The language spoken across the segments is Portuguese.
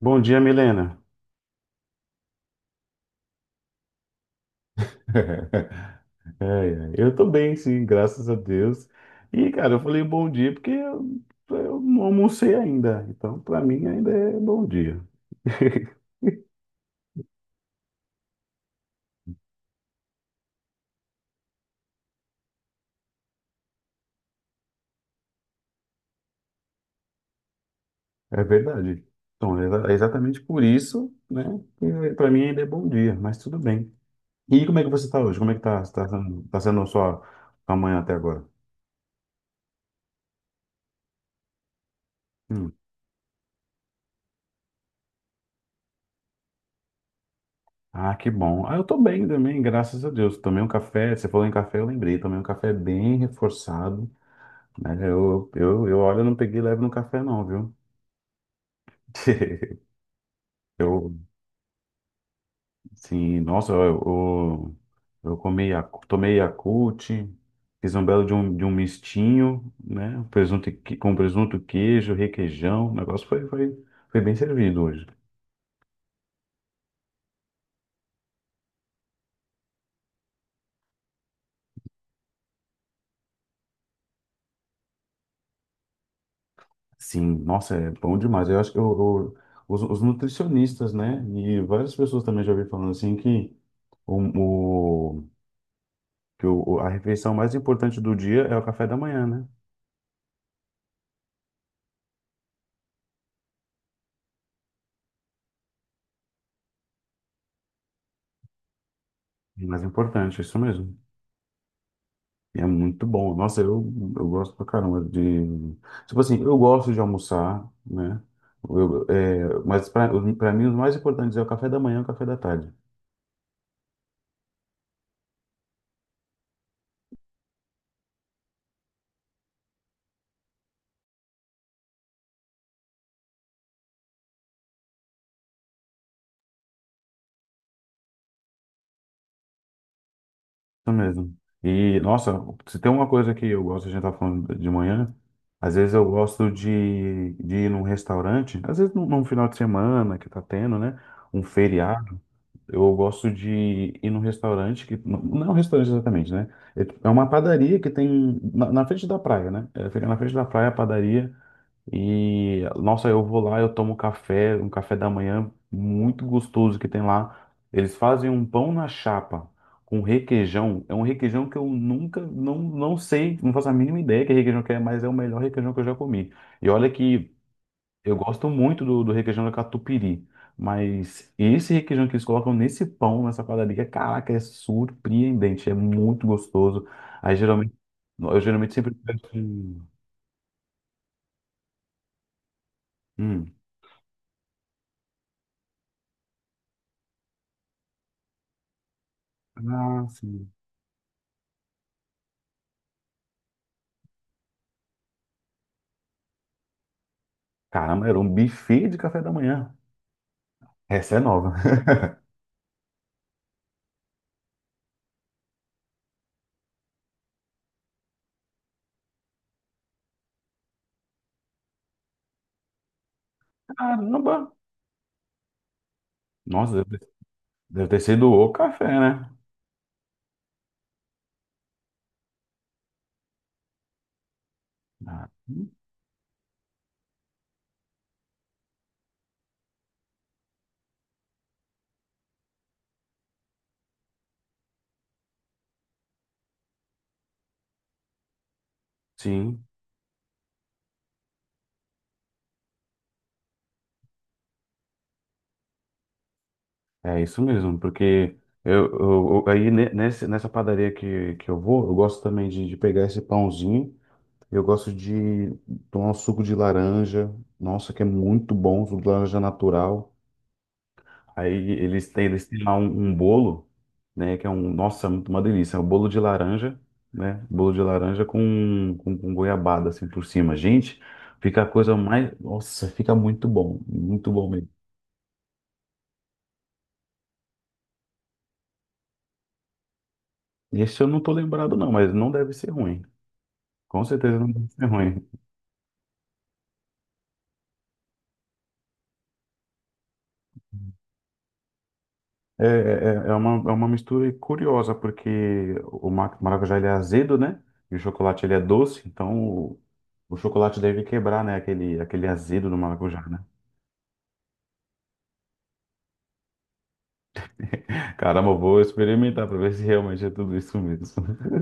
Bom dia, Milena. É, é. Eu tô bem, sim, graças a Deus. E, cara, eu falei bom dia porque eu não almocei ainda. Então, pra mim, ainda é bom dia. É verdade. Então, é exatamente por isso, né, que pra mim ainda é bom dia, mas tudo bem. E como é que você tá hoje? Como é que tá sendo a sua manhã até agora? Hum. Ah, que bom. Ah, eu tô bem também, graças a Deus. Tomei um café, você falou em café, eu lembrei. Tomei um café bem reforçado, né? Eu olha, eu não peguei leve no café não, viu? Eu, sim, nossa, eu comi, tomei Yakult, fiz um belo de um mistinho, né? Com presunto, queijo, requeijão. O negócio foi bem servido hoje. Sim, nossa, é bom demais. Eu acho que os nutricionistas, né? E várias pessoas também já ouvi falando assim que, o, o- a refeição mais importante do dia é o café da manhã, né? É, mais importante, é isso mesmo. E é muito bom. Nossa, eu gosto pra caramba de. Tipo assim, eu gosto de almoçar, né? Mas pra mim, os mais importantes é o café da manhã e o café da tarde. Isso mesmo. E, nossa, se tem uma coisa que eu gosto, a gente tá falando de manhã, às vezes eu gosto de ir num restaurante, às vezes num final de semana que tá tendo, né? Um feriado, eu gosto de ir num restaurante que, não não é um restaurante exatamente, né? É uma padaria que tem na frente da praia, né? É, fica na frente da praia a padaria. E, nossa, eu vou lá, eu tomo café, um café da manhã muito gostoso que tem lá. Eles fazem um pão na chapa com requeijão. É um requeijão que eu nunca, não, não sei, não faço a mínima ideia que requeijão que é, mas é o melhor requeijão que eu já comi. E olha que eu gosto muito do requeijão da catupiry, mas esse requeijão que eles colocam nesse pão, nessa padaria, caraca, é surpreendente, é muito gostoso. Aí geralmente, eu geralmente sempre peço um... Hum. Ah, sim. Caramba, era um buffet de café da manhã. Essa é nova. Caramba! Nossa, deve ter sido o café, né? Ah, sim, é isso mesmo, porque nessa padaria que eu vou, eu gosto também de pegar esse pãozinho, eu gosto de tomar um suco de laranja, nossa, que é muito bom, suco de laranja natural. Aí eles têm lá um bolo, né? Que é nossa, uma delícia. É um bolo de laranja, né? Bolo de laranja com goiabada assim por cima. Gente, fica a coisa mais. Nossa, fica muito bom. Muito bom mesmo. Esse eu não tô lembrado, não, mas não deve ser ruim. Com certeza não deve ser ruim. É uma mistura curiosa, porque o maracujá ele é azedo, né? E o chocolate ele é doce, então o chocolate deve quebrar, né? Aquele azedo do maracujá, né? Caramba, eu vou experimentar para ver se realmente é tudo isso mesmo.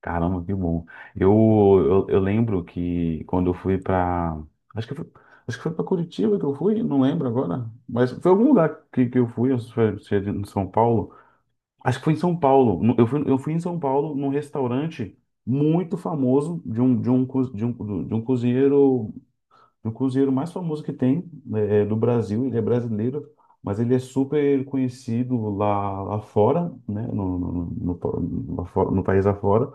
Caramba, que bom. Eu, eu lembro que quando eu fui para. Acho que foi, acho que foi para Curitiba que eu fui, não lembro agora. Mas foi algum lugar que eu fui se é em São Paulo. Acho que foi em São Paulo. Eu fui em São Paulo num restaurante muito famoso de um, co- de um cozinheiro. O cruzeiro mais famoso que tem né, do Brasil, ele é brasileiro, mas ele é super conhecido lá fora, né, no país afora,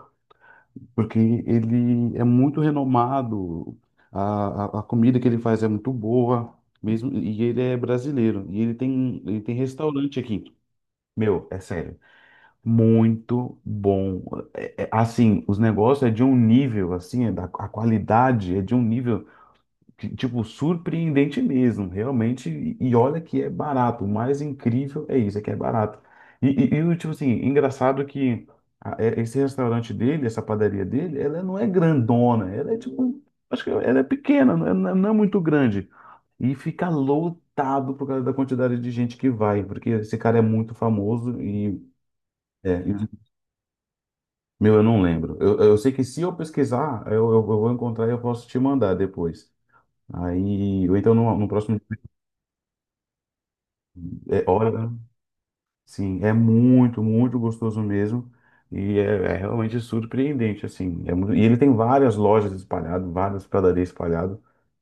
porque ele é muito renomado, a comida que ele faz é muito boa, mesmo, e ele é brasileiro, e ele tem restaurante aqui. Meu, é sério, muito bom. É, assim, os negócios é de um nível, assim, a qualidade é de um nível que, tipo, surpreendente mesmo, realmente. E olha que é barato. O mais incrível é isso, é que é barato. E o tipo assim, engraçado que esse restaurante dele, essa padaria dele, ela não é grandona, ela é tipo, acho que ela é pequena, não é muito grande. E fica lotado por causa da quantidade de gente que vai, porque esse cara é muito famoso é, e- meu, eu não lembro. Eu sei que se eu pesquisar, eu vou encontrar e eu posso te mandar depois. Aí, ou então no próximo. É, olha, sim, é muito, muito gostoso mesmo. E é realmente surpreendente, assim. E ele tem várias lojas espalhadas, várias padarias espalhadas.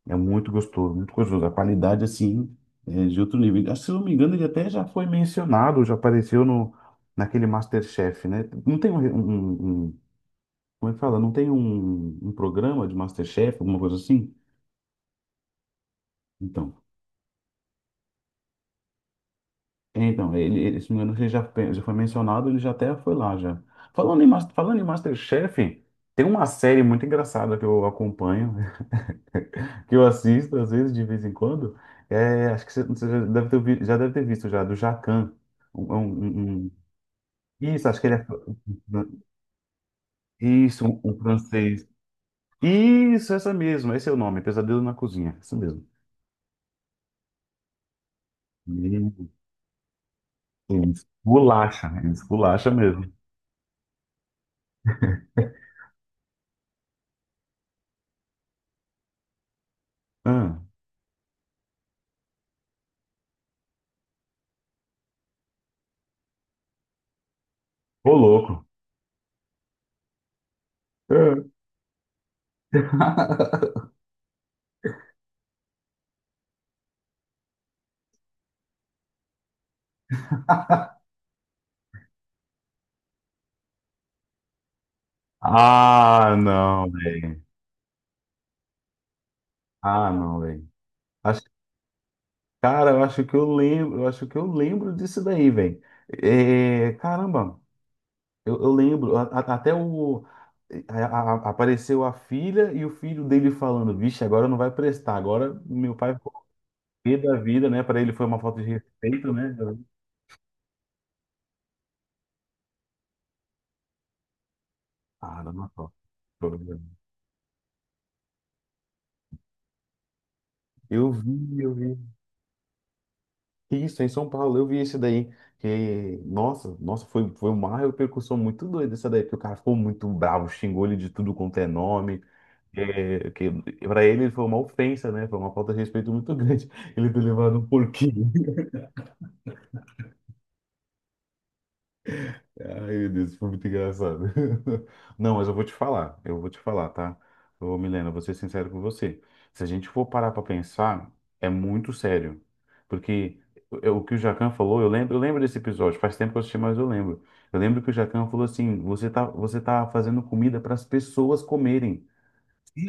É muito gostoso, muito gostoso. A qualidade, assim, é de outro nível. Ah, se não me engano, ele até já foi mencionado, já apareceu naquele MasterChef, né? Não tem um, como é que fala? Não tem um programa de MasterChef, alguma coisa assim? Então. É, então, ele, se não me engano, ele já foi mencionado, ele já até foi lá já. Falando em MasterChef, tem uma série muito engraçada que eu acompanho, que eu assisto às vezes, de vez em quando. É, acho que você já deve ter visto já, do Jacan. Um- é um- um- um, isso, acho que ele é. Isso, um francês. Isso, essa mesmo, esse é o nome, Pesadelo na Cozinha, isso mesmo. Meu Deus, bolacha, isso, bolacha mesmo. Ah, ô louco. Ah. Ah, não, velho. Ah, não, velho. Acho- Cara, eu acho que eu lembro, eu acho que eu lembro disso daí, velho. É, caramba, eu lembro. Até o apareceu a filha e o filho dele falando, vixe, agora não vai prestar. Agora meu pai ficou pé da vida, né? Para ele foi uma falta de respeito, né? Caramba, só. Eu vi, eu vi. Isso, em São Paulo, eu vi esse daí. Que, nossa, nossa, foi uma repercussão muito doida essa daí, porque o cara ficou muito bravo, xingou ele de tudo quanto é nome. É, que para ele foi uma ofensa, né? Foi uma falta de respeito muito grande. Ele ter levado um porquinho. Ai, meu Deus, isso foi muito engraçado. Não, mas eu vou te falar, eu vou te falar, tá? Ô, Milena, vou ser sincero com você. Se a gente for parar pra pensar, é muito sério. Porque o que o Jacan falou, eu lembro desse episódio, faz tempo que eu assisti, mas eu lembro. Eu lembro que o Jacan falou assim: você tá fazendo comida para as pessoas comerem. E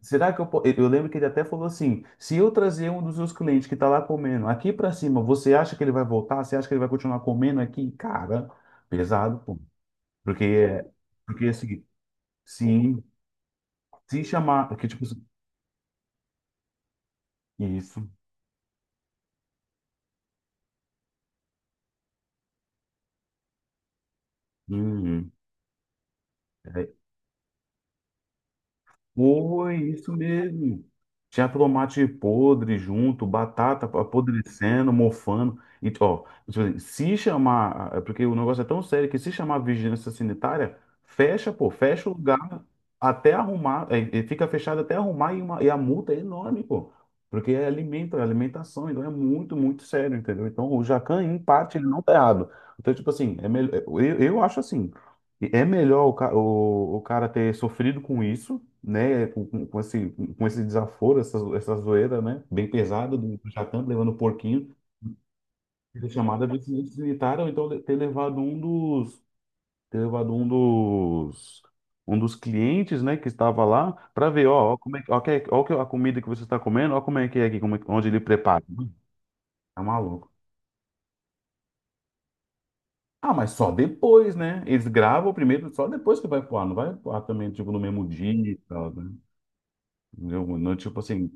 Será que eu, po- eu lembro que ele até falou assim: se eu trazer um dos meus clientes que está lá comendo aqui para cima, você acha que ele vai voltar? Você acha que ele vai continuar comendo aqui? Cara, pesado, pô. Porque é, porque é o seguinte, sim, se chamar, porque tipo, assim, isso, uhum. É, foi isso mesmo. Tinha tomate podre junto, batata apodrecendo, mofando. E, ó, tipo assim, se chamar, é porque o negócio é tão sério que se chamar vigilância sanitária, fecha, pô, fecha o lugar até arrumar, fica fechado até arrumar e, e a multa é enorme, pô. Porque é alimento, é alimentação, então é muito, muito sério, entendeu? Então o Jacan, em parte, ele não tá errado. Então, tipo assim, é melhor, eu acho assim. E é melhor o cara ter sofrido com isso, né? Com esse desaforo, essa zoeira, né? Bem pesada do Jacan levando o porquinho, ter chamado a vigilância sanitária, ou então ter levado um dos clientes, né? Que estava lá para ver, ó, ó, como é, a comida que você está comendo, ó como é que é aqui, como é, onde ele prepara. Tá maluco. Ah, mas só depois, né? Eles gravam primeiro, só depois que vai voar, não vai voar também, tipo, no mesmo dia e tal, né? Não, não, tipo assim.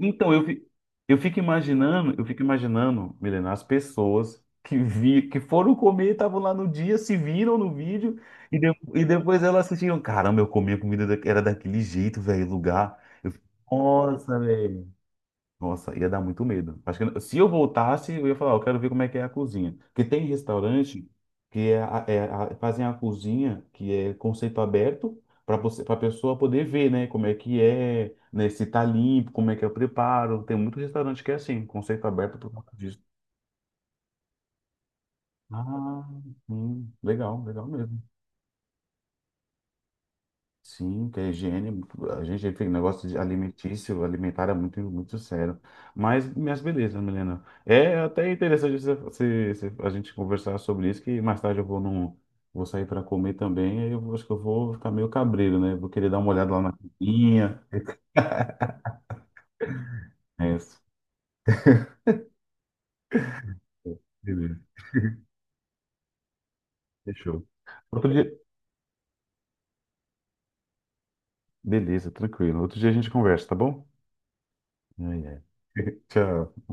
Então, eu fico imaginando, Milena, as pessoas que foram comer, estavam lá no dia, se viram no vídeo, e, e depois elas assistiram. Caramba, eu comi a comida era daquele jeito, velho, lugar. Eu, fico, nossa, nossa, ia dar muito medo. Acho que se eu voltasse, eu ia falar, eu quero ver como é que é a cozinha. Porque tem restaurante que é, a- é a- fazem a cozinha que é conceito aberto para você, para pessoa poder ver, né, como é que é, né, se tá limpo, como é que é o preparo. Tem muito restaurante que é assim, conceito aberto por conta disso. Ah, sim, legal, legal mesmo. Sim, que a higiene, a gente tem um negócio de alimentício, alimentar é muito, muito sério. Mas beleza, Milena. É até interessante a gente conversar sobre isso, que mais tarde eu vou vou sair para comer também, aí acho que eu vou ficar meio cabreiro, né? Vou querer dar uma olhada lá na cozinha. É, isso. Beleza, fechou. Outro dia, beleza, tranquilo. Outro dia a gente conversa, tá bom? É, é. Tchau.